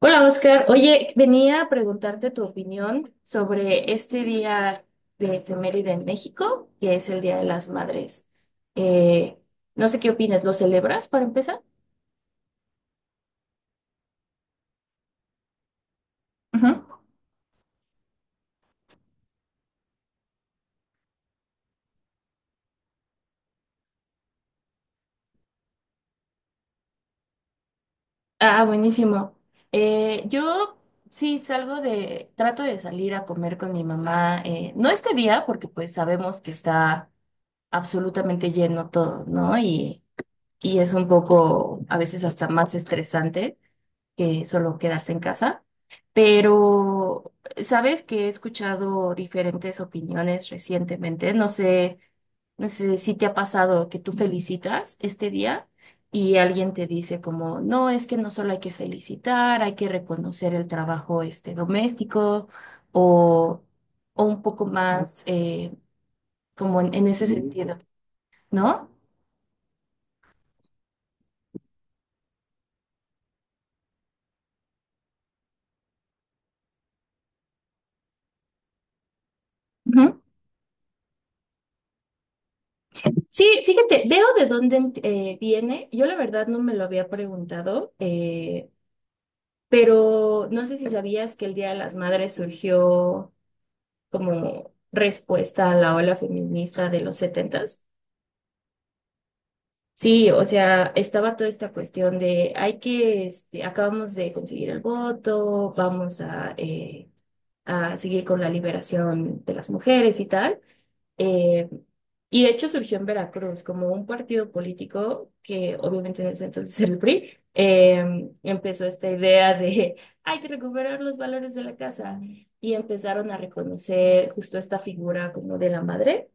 Hola Oscar, oye, venía a preguntarte tu opinión sobre este día de efeméride en México, que es el Día de las Madres. Eh, no sé qué opinas, ¿lo celebras para empezar? Ah, buenísimo. Yo sí trato de salir a comer con mi mamá, no este día, porque pues sabemos que está absolutamente lleno todo, ¿no? Y es un poco a veces hasta más estresante que solo quedarse en casa. Pero sabes que he escuchado diferentes opiniones recientemente. No sé si te ha pasado que tú felicitas este día y alguien te dice como, no, es que no solo hay que felicitar, hay que reconocer el trabajo este doméstico, o, o un poco más, como en ese sentido, ¿no? Ujú. Sí, fíjate, veo de dónde viene. Yo la verdad no me lo había preguntado, pero no sé si sabías que el Día de las Madres surgió como respuesta a la ola feminista de los setentas. Sí, o sea, estaba toda esta cuestión de hay que, acabamos de conseguir el voto, vamos a seguir con la liberación de las mujeres y tal. Eh, y de hecho surgió en Veracruz como un partido político que obviamente en ese entonces era el PRI. Empezó esta idea de hay que recuperar los valores de la casa y empezaron a reconocer justo esta figura como de la madre.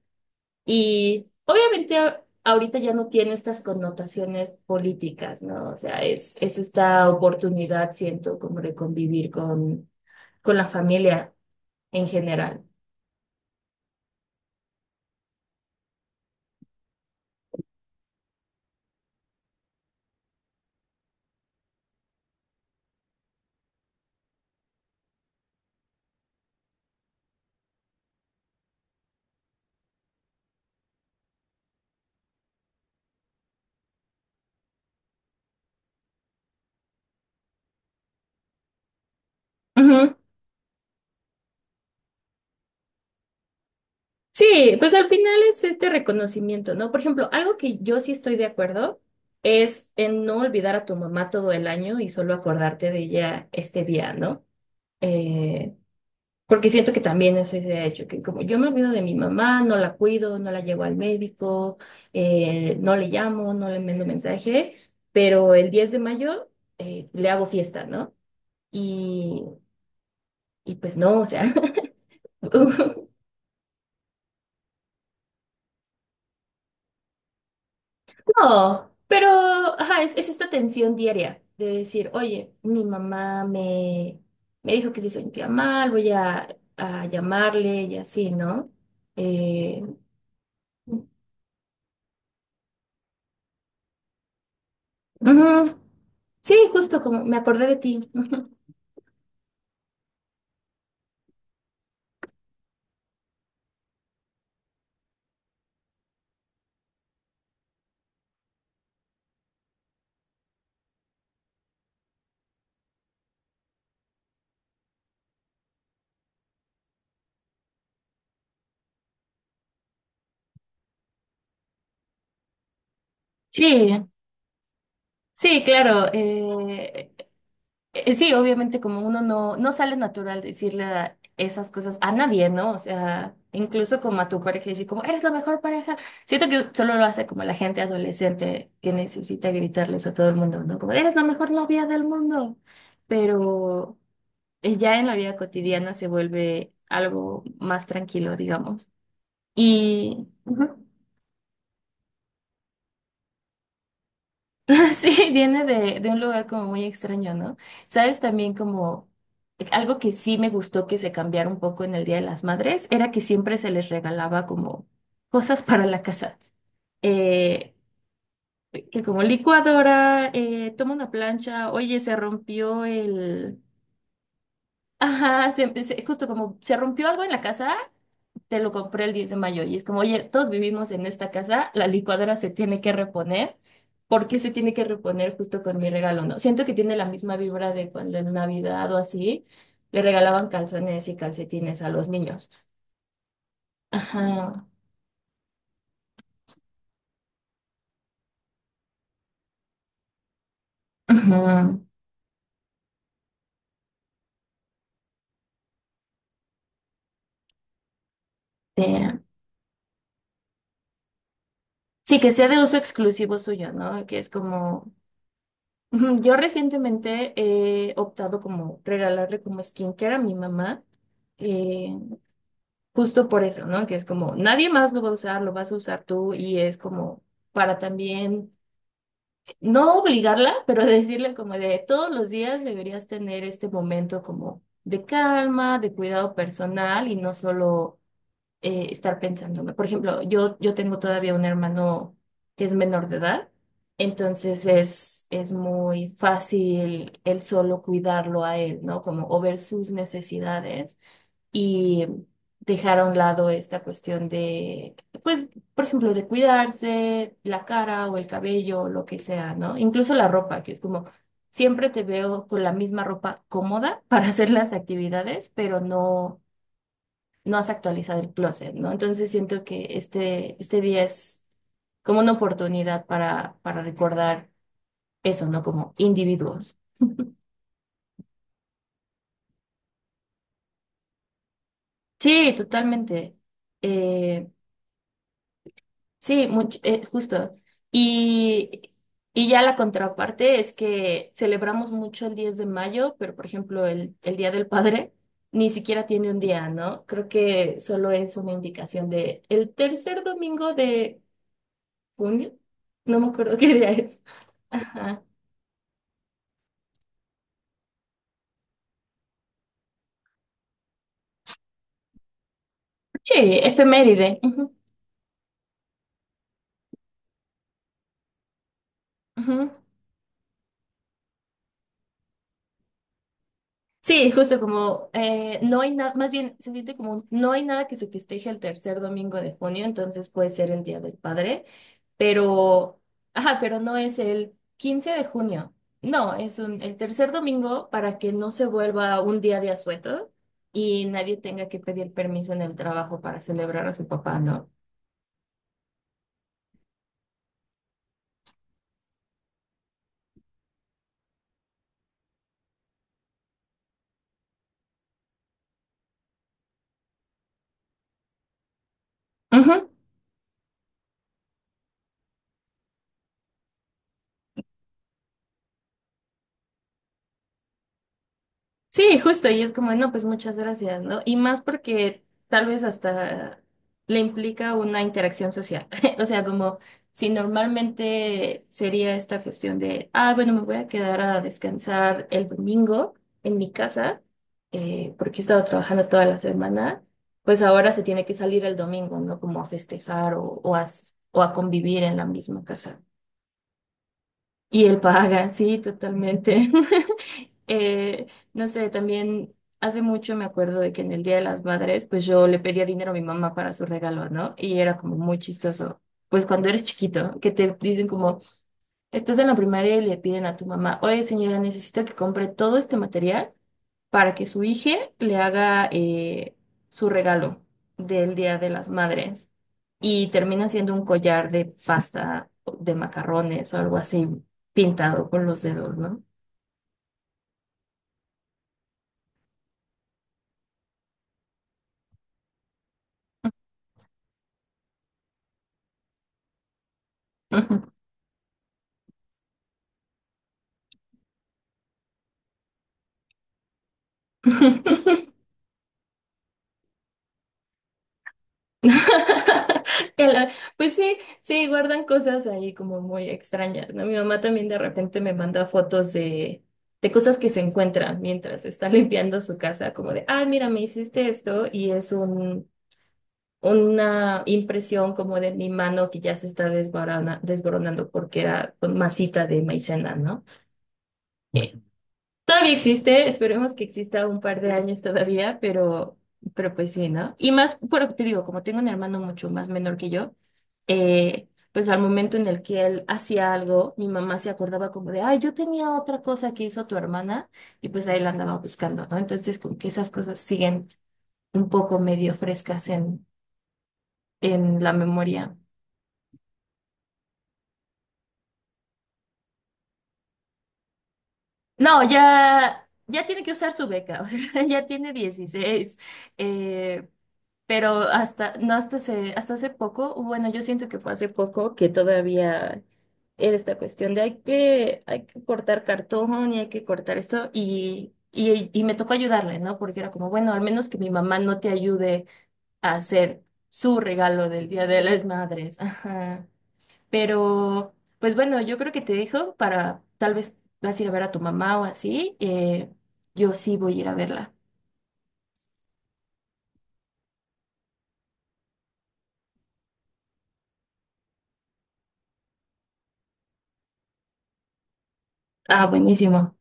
Y obviamente ahorita ya no tiene estas connotaciones políticas, ¿no? O sea, es esta oportunidad, siento, como de convivir con la familia en general. Sí, pues al final es este reconocimiento, ¿no? Por ejemplo, algo que yo sí estoy de acuerdo es en no olvidar a tu mamá todo el año y solo acordarte de ella este día, ¿no? Eh, Porque siento que también eso se ha hecho, que como yo me olvido de mi mamá, no la cuido, no la llevo al médico, no le llamo, no le mando mensaje, pero el 10 de mayo le hago fiesta, ¿no? Y, y pues no, o sea. No, pero ajá, es esta tensión diaria de decir, oye, mi mamá me dijo que se sentía mal, voy a llamarle y así, ¿no? Eh, ujú. Sí, justo como me acordé de ti. Sí, sí, claro. Sí, obviamente como uno no sale natural decirle esas cosas a nadie, ¿no? O sea, incluso como a tu pareja decir como, eres la mejor pareja. Siento que solo lo hace como la gente adolescente que necesita gritarles a todo el mundo, ¿no? Como, eres la mejor novia del mundo. Pero ya en la vida cotidiana se vuelve algo más tranquilo, digamos. Ujú. Sí, viene de un lugar como muy extraño, ¿no? Sabes, también como algo que sí me gustó que se cambiara un poco en el Día de las Madres era que siempre se les regalaba como cosas para la casa. Eh, que como licuadora, toma una plancha, oye, se rompió el... Ajá, justo como se rompió algo en la casa te lo compré el 10 de mayo y es como, oye, todos vivimos en esta casa, la licuadora se tiene que reponer. ¿Por qué se tiene que reponer justo con mi regalo? No, siento que tiene la misma vibra de cuando en Navidad o así le regalaban calzones y calcetines a los niños. Ajá, ajá. eh, Sí, que sea de uso exclusivo suyo, ¿no? Que es como, ujú, yo recientemente he optado como regalarle como skincare a mi mamá. Eh, Justo por eso, ¿no? Que es como nadie más lo va a usar, lo vas a usar tú y es como para también no obligarla, pero decirle como de todos los días deberías tener este momento como de calma, de cuidado personal y no solo estar pensando, ¿no? Por ejemplo, yo tengo todavía un hermano que es menor de edad, entonces es muy fácil el solo cuidarlo a él, ¿no? Como o ver sus necesidades y dejar a un lado esta cuestión de, pues, por ejemplo, de cuidarse la cara o el cabello, o lo que sea, ¿no? Incluso la ropa, que es como siempre te veo con la misma ropa cómoda para hacer las actividades, pero no, no has actualizado el closet, ¿no? Entonces siento que este día es como una oportunidad para recordar eso, ¿no? Como individuos. Sí, totalmente. Eh, Sí, mucho, justo. Y, y ya la contraparte es que celebramos mucho el 10 de mayo, pero por ejemplo el Día del Padre ni siquiera tiene un día, ¿no? Creo que solo es una indicación de el tercer domingo de junio. No me acuerdo qué día es. Ajá. Sí, efeméride. Ujú, ujú. Sí, justo como no hay nada, más bien se siente como no hay nada que se festeje el tercer domingo de junio, entonces puede ser el Día del Padre, pero ajá, pero no es el 15 de junio, no, es el tercer domingo para que no se vuelva un día de asueto y nadie tenga que pedir permiso en el trabajo para celebrar a su papá, ¿no? Ujú. Sí, justo, y es como, no, pues muchas gracias, ¿no? Y más porque tal vez hasta le implica una interacción social. O sea, como si normalmente sería esta cuestión de, ah, bueno, me voy a quedar a descansar el domingo en mi casa, porque he estado trabajando toda la semana, pues ahora se tiene que salir el domingo, ¿no? Como a festejar o a convivir en la misma casa. Y él paga, sí, totalmente. Eh, no sé, también hace mucho me acuerdo de que en el Día de las Madres, pues yo le pedía dinero a mi mamá para su regalo, ¿no? Y era como muy chistoso. Pues cuando eres chiquito, que te dicen como, estás en la primaria y le piden a tu mamá, oye señora, necesito que compre todo este material para que su hija le haga su regalo del Día de las Madres. Y termina siendo un collar de pasta, de macarrones o algo así, pintado con los dedos, ¿no? Ujú. Que la- Pues sí, sí, guardan cosas ahí como muy extrañas, ¿no? Mi mamá también de repente me manda fotos de cosas que se encuentran mientras está limpiando su casa, como de, ah, mira, me hiciste esto y es un, una impresión como de mi mano que ya se está desboronando porque era con masita de maicena, ¿no? Todavía existe, esperemos que exista un par de años todavía, pero pues sí, ¿no? Y más, pero te digo, como tengo un hermano mucho más menor que yo, pues al momento en el que él hacía algo, mi mamá se acordaba como de, ay, yo tenía otra cosa que hizo tu hermana, y pues ahí la andaba buscando, ¿no? Entonces, como que esas cosas siguen un poco medio frescas en la memoria. No, ya tiene que usar su beca, o sea, ya tiene 16. eh, Pero hasta, no, hasta hace poco, bueno, yo siento que fue hace poco que todavía era esta cuestión de hay que cortar cartón y hay que cortar esto y me tocó ayudarle, ¿no? Porque era como, bueno, al menos que mi mamá no te ayude a hacer su regalo del Día de las Madres. Ajá. Pero pues bueno, yo creo que te dejo para, tal vez vas a ir a ver a tu mamá o así. Yo sí voy a ir a verla. Ah, buenísimo.